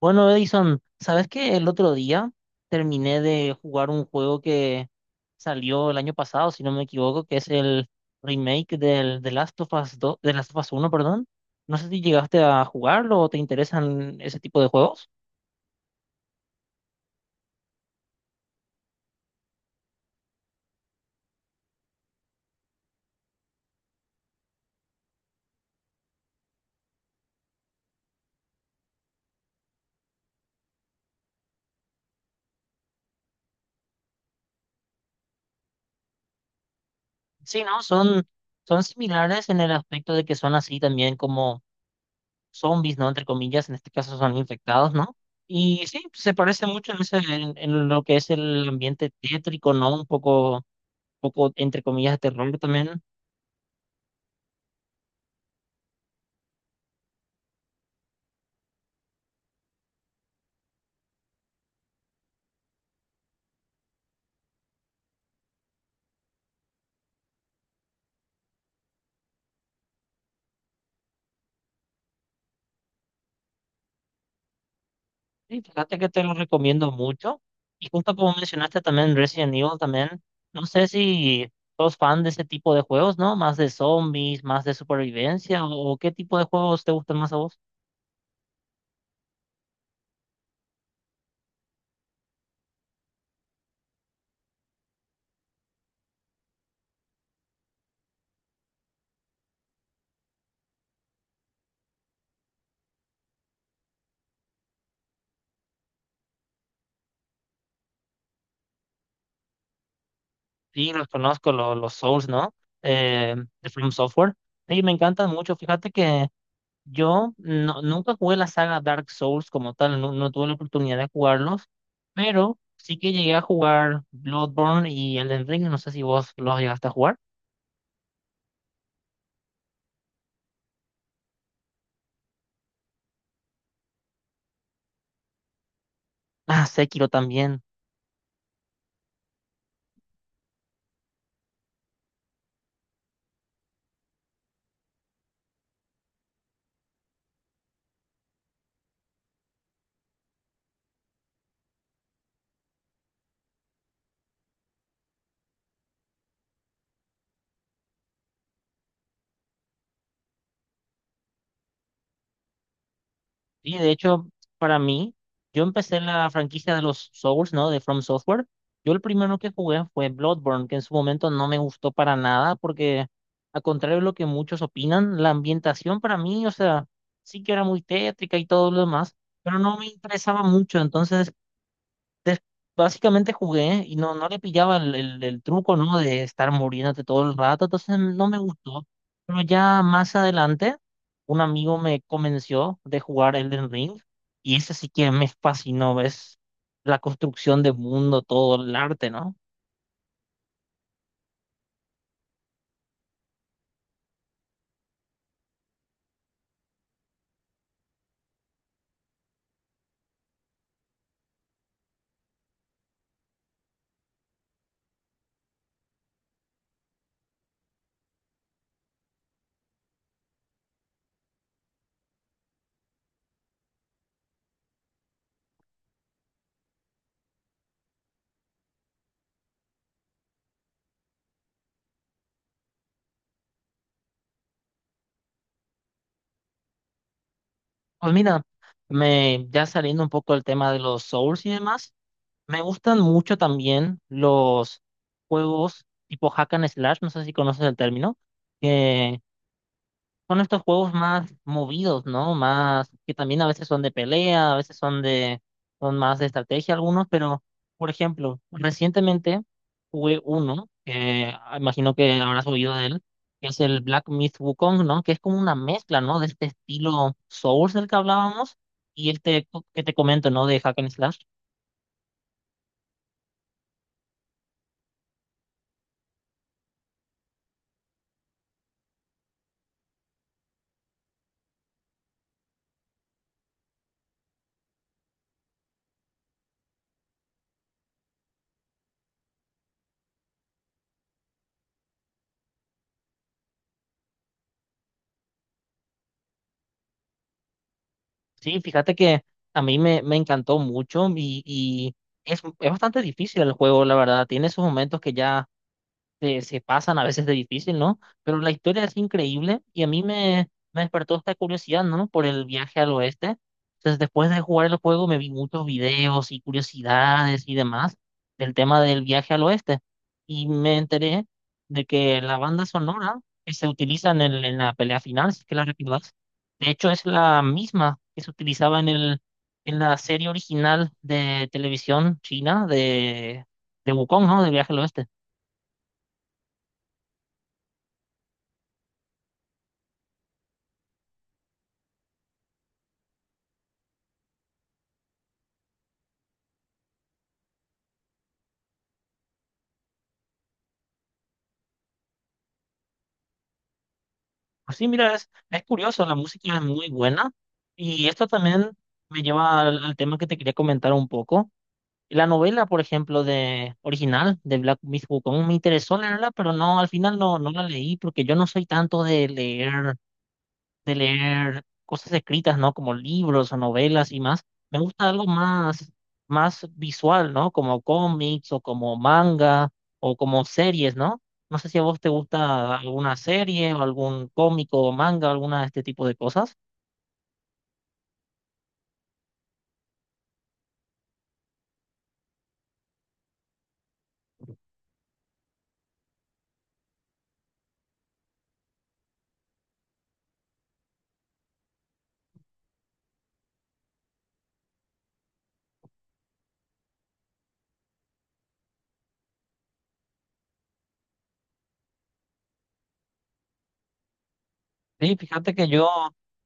Bueno, Edison, ¿sabes qué? El otro día terminé de jugar un juego que salió el año pasado, si no me equivoco, que es el remake del The Last of Us dos de Last of Us uno, perdón. No sé si llegaste a jugarlo o te interesan ese tipo de juegos. Sí, ¿no? Son similares en el aspecto de que son así también como zombies, ¿no? Entre comillas, en este caso son infectados, ¿no? Y sí, se parece mucho en lo que es el ambiente tétrico, ¿no? Un poco entre comillas, de terror también. Sí, fíjate que te lo recomiendo mucho. Y justo como mencionaste también Resident Evil también, no sé si sos fan de ese tipo de juegos, ¿no? Más de zombies, más de supervivencia, o qué tipo de juegos te gustan más a vos. Sí, los conozco, los Souls, ¿no? Eh, de From Software. Sí, me encantan mucho. Fíjate que yo no- nunca jugué la saga Dark Souls como tal, no, no tuve la oportunidad de jugarlos, pero sí que llegué a jugar Bloodborne y Elden Ring, no sé si vos los llegaste a jugar. Ah, Sekiro también. Y de hecho, para mí, yo empecé en la franquicia de los Souls, ¿no? De From Software. Yo el primero que jugué fue Bloodborne, que en su momento no me gustó para nada, porque a contrario de lo que muchos opinan, la ambientación para mí, o sea, sí que era muy tétrica y todo lo demás, pero no me interesaba mucho. Entonces, des- básicamente jugué y no, no le pillaba el truco, ¿no? De estar muriéndote todo el rato, entonces no me gustó. Pero ya más adelante, un amigo me convenció de jugar Elden Ring y ese sí que me fascinó, ¿ves? La construcción de mundo, todo el arte, ¿no? Pues mira, ya saliendo un poco del tema de los Souls y demás, me gustan mucho también los juegos tipo hack and slash, no sé si conoces el término, que son estos juegos más movidos, ¿no? Más que también a veces son de pelea, a veces son más de estrategia algunos, pero, por ejemplo, recientemente jugué uno, que imagino que habrás oído de él, que es el Black Myth Wukong, ¿no? Que es como una mezcla, ¿no? De este estilo Souls del que hablábamos y este que te comento, ¿no? De Hack and Slash. Sí, fíjate que a me encantó mucho, y es bastante difícil el juego, la verdad. Tiene sus momentos que ya se pasan a veces de difícil, ¿no? Pero la historia es increíble y a me despertó esta curiosidad, ¿no? Por el viaje al oeste. Entonces, después de jugar el juego, me vi muchos videos y curiosidades y demás del tema del viaje al oeste. Y me enteré de que la banda sonora que se utiliza en en la pelea final, si es que la recordás, de hecho es la misma que se utilizaba en la serie original de televisión china de Wukong, ¿no? De Viaje al Oeste. Pues sí, mira, es curioso, la música es muy buena y esto también me lleva al tema que te quería comentar un poco. La novela, por ejemplo, de original de Black Myth Wukong me interesó leerla, pero no, al final no, no la leí porque yo no soy tanto de leer cosas escritas, ¿no? Como libros o novelas y más. Me gusta algo más visual, ¿no? Como cómics o como manga o como series, ¿no? No sé si a vos te gusta alguna serie o algún cómico o manga, alguna de este tipo de cosas. Sí, fíjate que yo,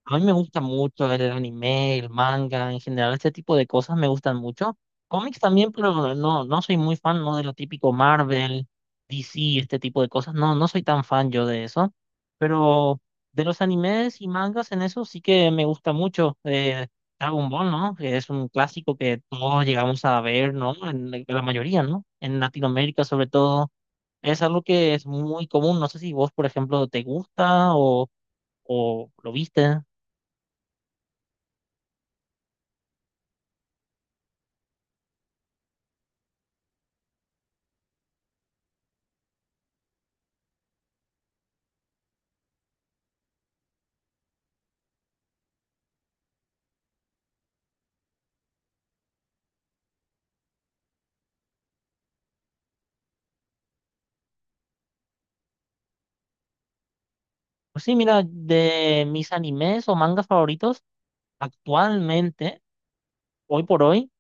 a mí me gusta mucho el anime, el manga, en general, este tipo de cosas me gustan mucho. Cómics también, pero no, no soy muy fan, no de lo típico Marvel, DC, este tipo de cosas. No, no soy tan fan yo de eso. Pero de los animes y mangas en eso sí que me gusta mucho. Dragon Ball, ¿no? Que es un clásico que todos llegamos a ver, ¿no? En la mayoría, ¿no? En Latinoamérica sobre todo. Es algo que es muy común. No sé si vos, por ejemplo, te gusta o lo viste. Pues sí, mira, de mis animes o mangas favoritos, actualmente, hoy por hoy,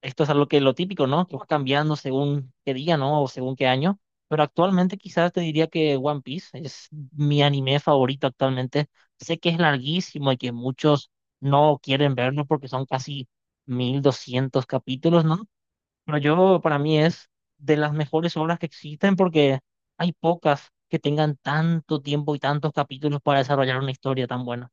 esto es algo que lo típico, ¿no? Que va cambiando según qué día, ¿no? O según qué año. Pero actualmente quizás te diría que One Piece es mi anime favorito actualmente. Sé que es larguísimo y que muchos no quieren verlo porque son casi 1200 capítulos, ¿no? Pero yo, para mí, es de las mejores obras que existen porque hay pocas que tengan tanto tiempo y tantos capítulos para desarrollar una historia tan buena.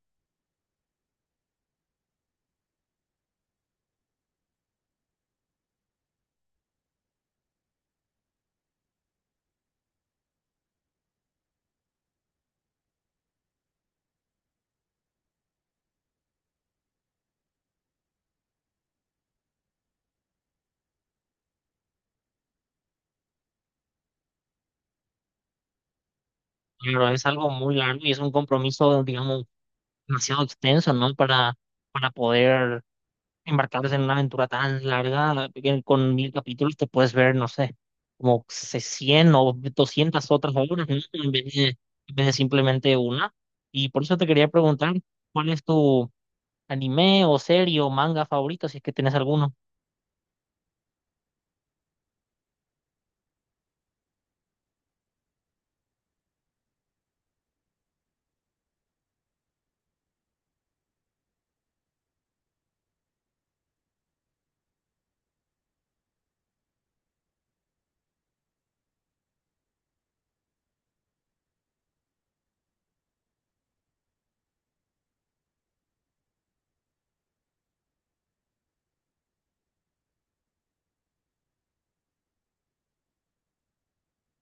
Pero es algo muy largo y es un compromiso, digamos, demasiado extenso, ¿no? Para poder embarcarse en una aventura tan larga, que con 1000 capítulos te puedes ver, no sé, como 100 o 200 otras obras, ¿no? En vez de simplemente una. Y por eso te quería preguntar, ¿cuál es tu anime o serie o manga favorito, si es que tenés alguno?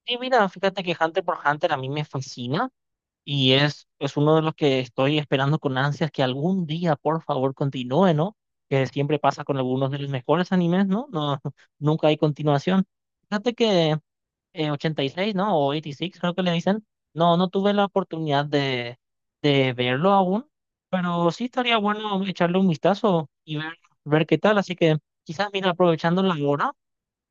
Sí, mira, fíjate que Hunter por Hunter a mí me fascina y es uno de los que estoy esperando con ansias que algún día, por favor, continúe, ¿no? Que siempre pasa con algunos de los mejores animes, ¿no? No, nunca hay continuación. Fíjate que 86, ¿no? O 86, creo que le dicen. No, no tuve la oportunidad de verlo aún, pero sí estaría bueno echarle un vistazo y ver qué tal. Así que quizás, mira, aprovechando la hora.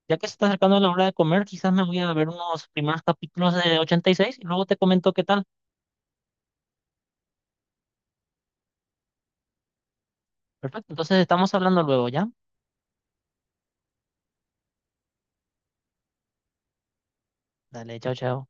Ya que se está acercando la hora de comer, quizás me voy a ver unos primeros capítulos de 86 y seis y luego te comento qué tal. Perfecto, entonces estamos hablando luego, ¿ya? Dale, chao, chao.